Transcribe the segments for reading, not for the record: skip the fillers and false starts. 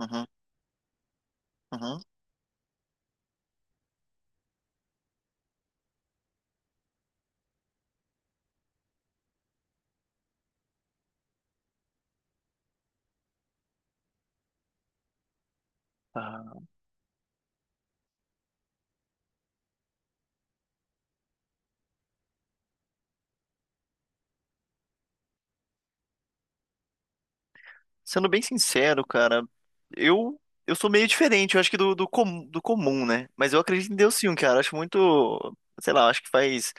Uhum, uhum. Ah, sendo bem sincero, cara, eu eu sou meio diferente, eu acho que do comum, né? Mas eu acredito em Deus sim, cara. Eu acho muito, sei lá, eu acho que faz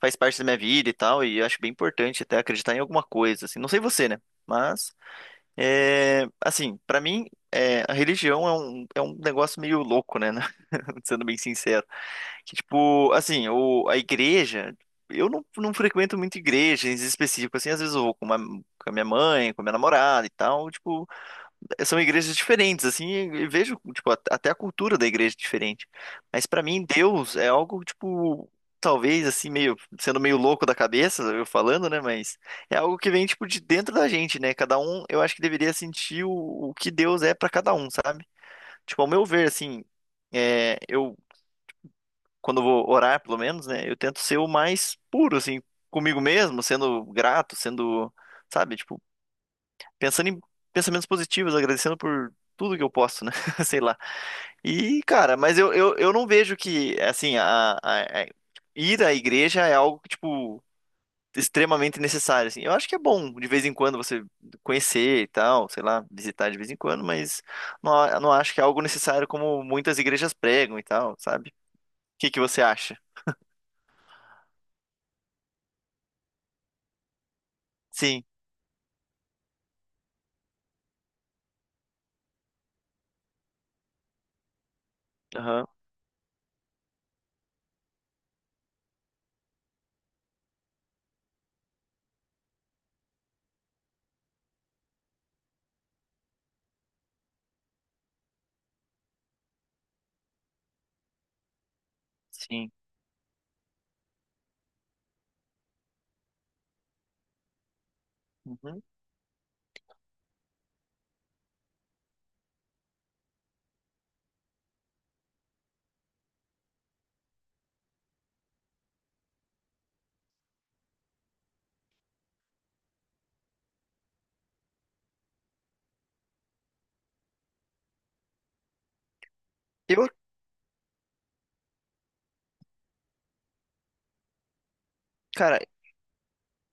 faz parte da minha vida e tal, e eu acho bem importante até acreditar em alguma coisa, assim. Não sei você, né? Mas é, assim, pra mim, é, a religião é um negócio meio louco, né? Sendo bem sincero. Que, tipo, assim, a igreja, eu não frequento muito igrejas em específico, assim, às vezes eu vou com a minha mãe, com a minha namorada e tal, tipo, são igrejas diferentes, assim, e vejo, tipo, até a cultura da igreja é diferente. Mas pra mim, Deus é algo, tipo, talvez, assim, meio, sendo meio louco da cabeça, eu falando, né, mas é algo que vem, tipo, de dentro da gente, né, cada um, eu acho que deveria sentir o que Deus é pra cada um, sabe? Tipo, ao meu ver, assim, é, eu quando eu vou orar, pelo menos, né? Eu tento ser o mais puro, assim, comigo mesmo, sendo grato, sendo, sabe, tipo, pensando em pensamentos positivos, agradecendo por tudo que eu posso, né? Sei lá. E, cara, mas eu não vejo que, assim, ir à igreja é algo que, tipo, extremamente necessário, assim. Eu acho que é bom, de vez em quando, você conhecer e tal, sei lá, visitar de vez em quando, mas não acho que é algo necessário como muitas igrejas pregam e tal, sabe? O que que você acha? Sim. Sim. Uhum. Eu, cara,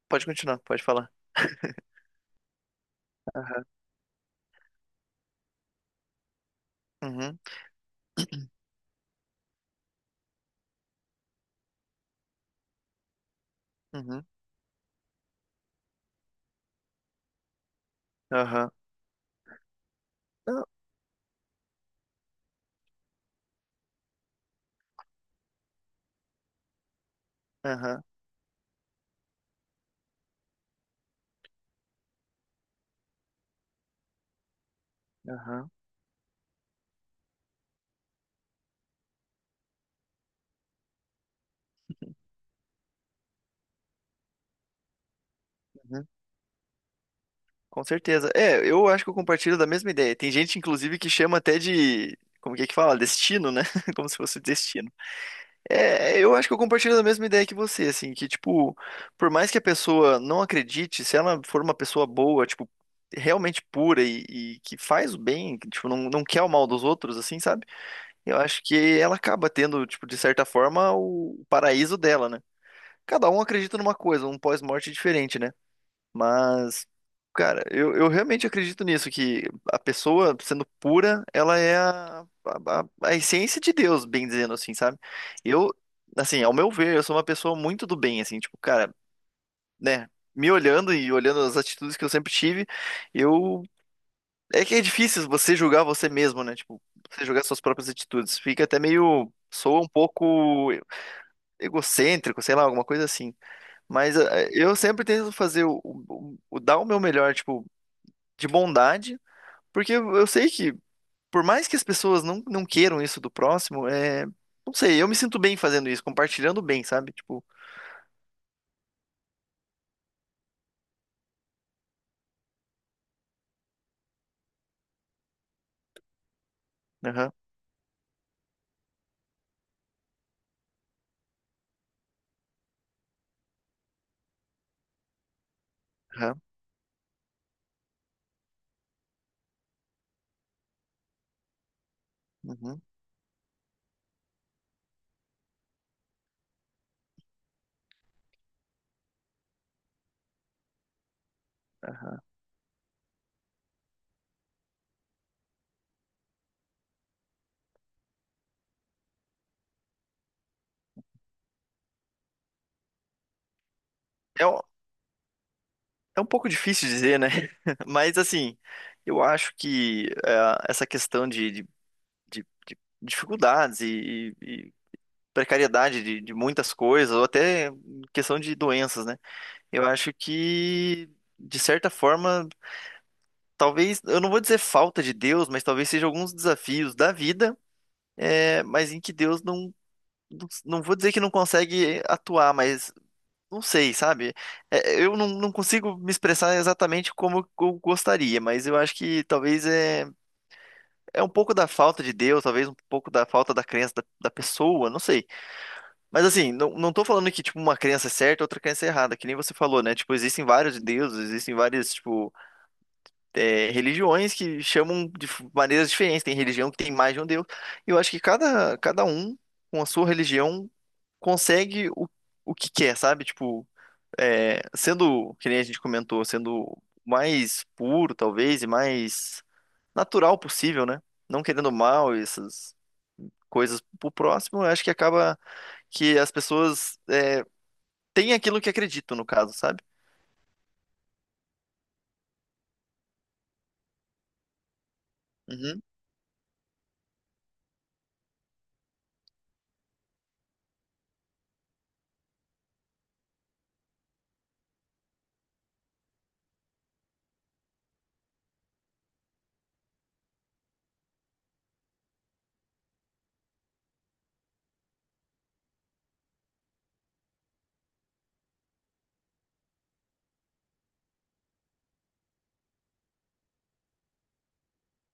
pode continuar, pode falar. Aham. Uhum. Uhum. Aham. Não, aham, aham, uhum. Com certeza. É, eu acho que eu compartilho da mesma ideia. Tem gente, inclusive, que chama até de. Como que é que fala? Destino, né? Como se fosse destino. É, eu acho que eu compartilho da mesma ideia que você, assim, que, tipo, por mais que a pessoa não acredite, se ela for uma pessoa boa, tipo, realmente pura e que faz o bem, que, tipo, não quer o mal dos outros, assim, sabe? Eu acho que ela acaba tendo, tipo, de certa forma, o paraíso dela, né? Cada um acredita numa coisa, um pós-morte diferente, né? Mas, cara, eu realmente acredito nisso, que a pessoa, sendo pura, ela é a essência de Deus, bem dizendo assim, sabe? Eu, assim, ao meu ver, eu sou uma pessoa muito do bem, assim, tipo, cara, né? Me olhando e olhando as atitudes que eu sempre tive, eu é que é difícil você julgar você mesmo, né? Tipo, você julgar suas próprias atitudes. Fica até meio. Soa um pouco egocêntrico, sei lá, alguma coisa assim. Mas eu sempre tento fazer dar o meu melhor, tipo, de bondade, porque eu sei que, por mais que as pessoas não queiram isso do próximo, é. Não sei, eu me sinto bem fazendo isso, compartilhando bem, sabe? Tipo, aham, aham, uhum. É, é um pouco difícil dizer, né? Mas assim, eu acho que essa questão de dificuldades e precariedade de muitas coisas, ou até questão de doenças, né? Eu acho que, de certa forma, talvez, eu não vou dizer falta de Deus, mas talvez seja alguns desafios da vida, é, mas em que Deus não vou dizer que não consegue atuar, mas não sei, sabe? É, eu não consigo me expressar exatamente como eu gostaria, mas eu acho que talvez é um pouco da falta de Deus, talvez um pouco da falta da crença da pessoa, não sei. Mas assim, não tô falando que, tipo, uma crença é certa e outra crença é errada, que nem você falou, né? Tipo, existem vários deuses, existem várias, tipo, é, religiões que chamam de maneiras diferentes. Tem religião que tem mais de um deus. E eu acho que cada um, com a sua religião, consegue o que quer, sabe? Tipo, é, sendo, que nem a gente comentou, sendo o mais puro, talvez, e mais natural possível, né? Não querendo mal, essas coisas pro próximo, eu acho que acaba que as pessoas tem aquilo que acredito, no caso, sabe? Uhum,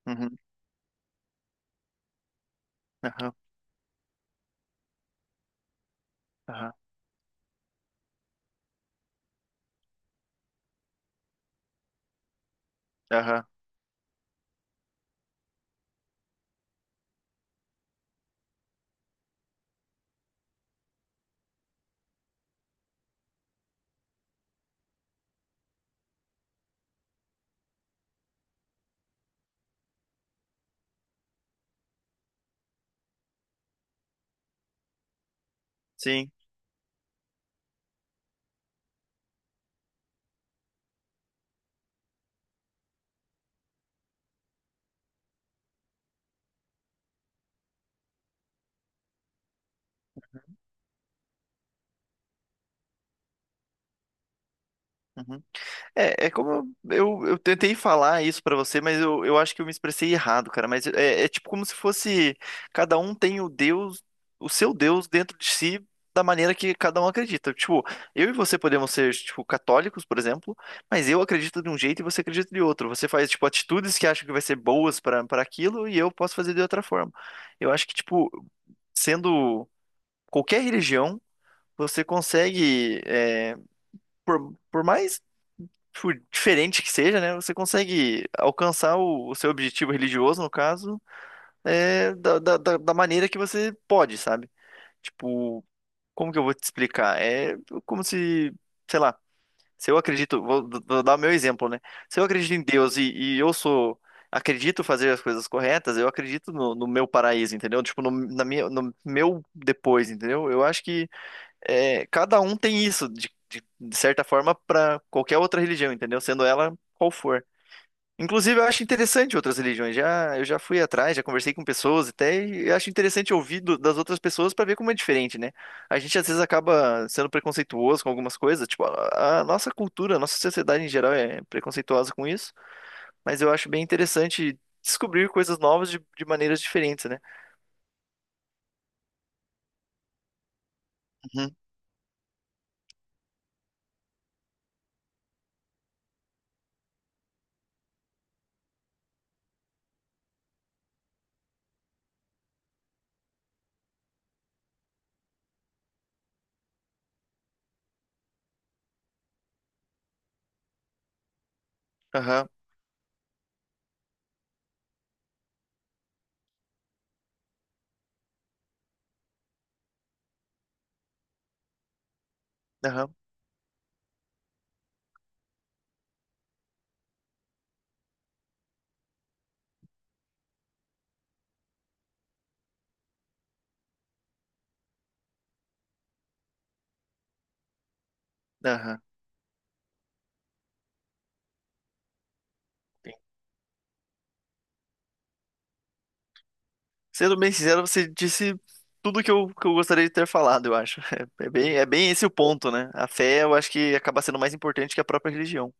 uhum, aham, aham, aham, sim. Uhum. É, é como eu tentei falar isso pra você, mas eu acho que eu me expressei errado, cara. Mas é, é tipo como se fosse cada um tem o Deus, o seu Deus dentro de si da maneira que cada um acredita. Tipo, eu e você podemos ser, tipo, católicos, por exemplo, mas eu acredito de um jeito e você acredita de outro. Você faz, tipo, atitudes que acha que vai ser boas pra para aquilo e eu posso fazer de outra forma. Eu acho que, tipo, sendo qualquer religião, você consegue, é, por mais tipo, diferente que seja, né, você consegue alcançar o seu objetivo religioso, no caso, é, da maneira que você pode, sabe? Tipo, como que eu vou te explicar? É como se, sei lá, se eu acredito, vou dar o meu exemplo, né? Se eu acredito em Deus e eu sou. Acredito fazer as coisas corretas, eu acredito no meu paraíso, entendeu? Tipo, no meu depois, entendeu? Eu acho que é, cada um tem isso, de certa forma, para qualquer outra religião, entendeu? Sendo ela qual for. Inclusive, eu acho interessante outras religiões. Já, eu já fui atrás, já conversei com pessoas até, e eu acho interessante ouvir das outras pessoas para ver como é diferente, né? A gente às vezes acaba sendo preconceituoso com algumas coisas, tipo, a nossa cultura, a nossa sociedade em geral é preconceituosa com isso, mas eu acho bem interessante descobrir coisas novas de maneiras diferentes, né? Uhum, aham, aham, aham. Sendo bem sincero, você disse tudo que eu gostaria de ter falado, eu acho. É, é bem esse o ponto, né? A fé, eu acho que acaba sendo mais importante que a própria religião.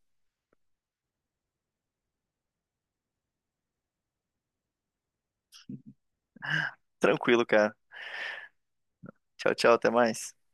Tranquilo, cara. Tchau, tchau, até mais.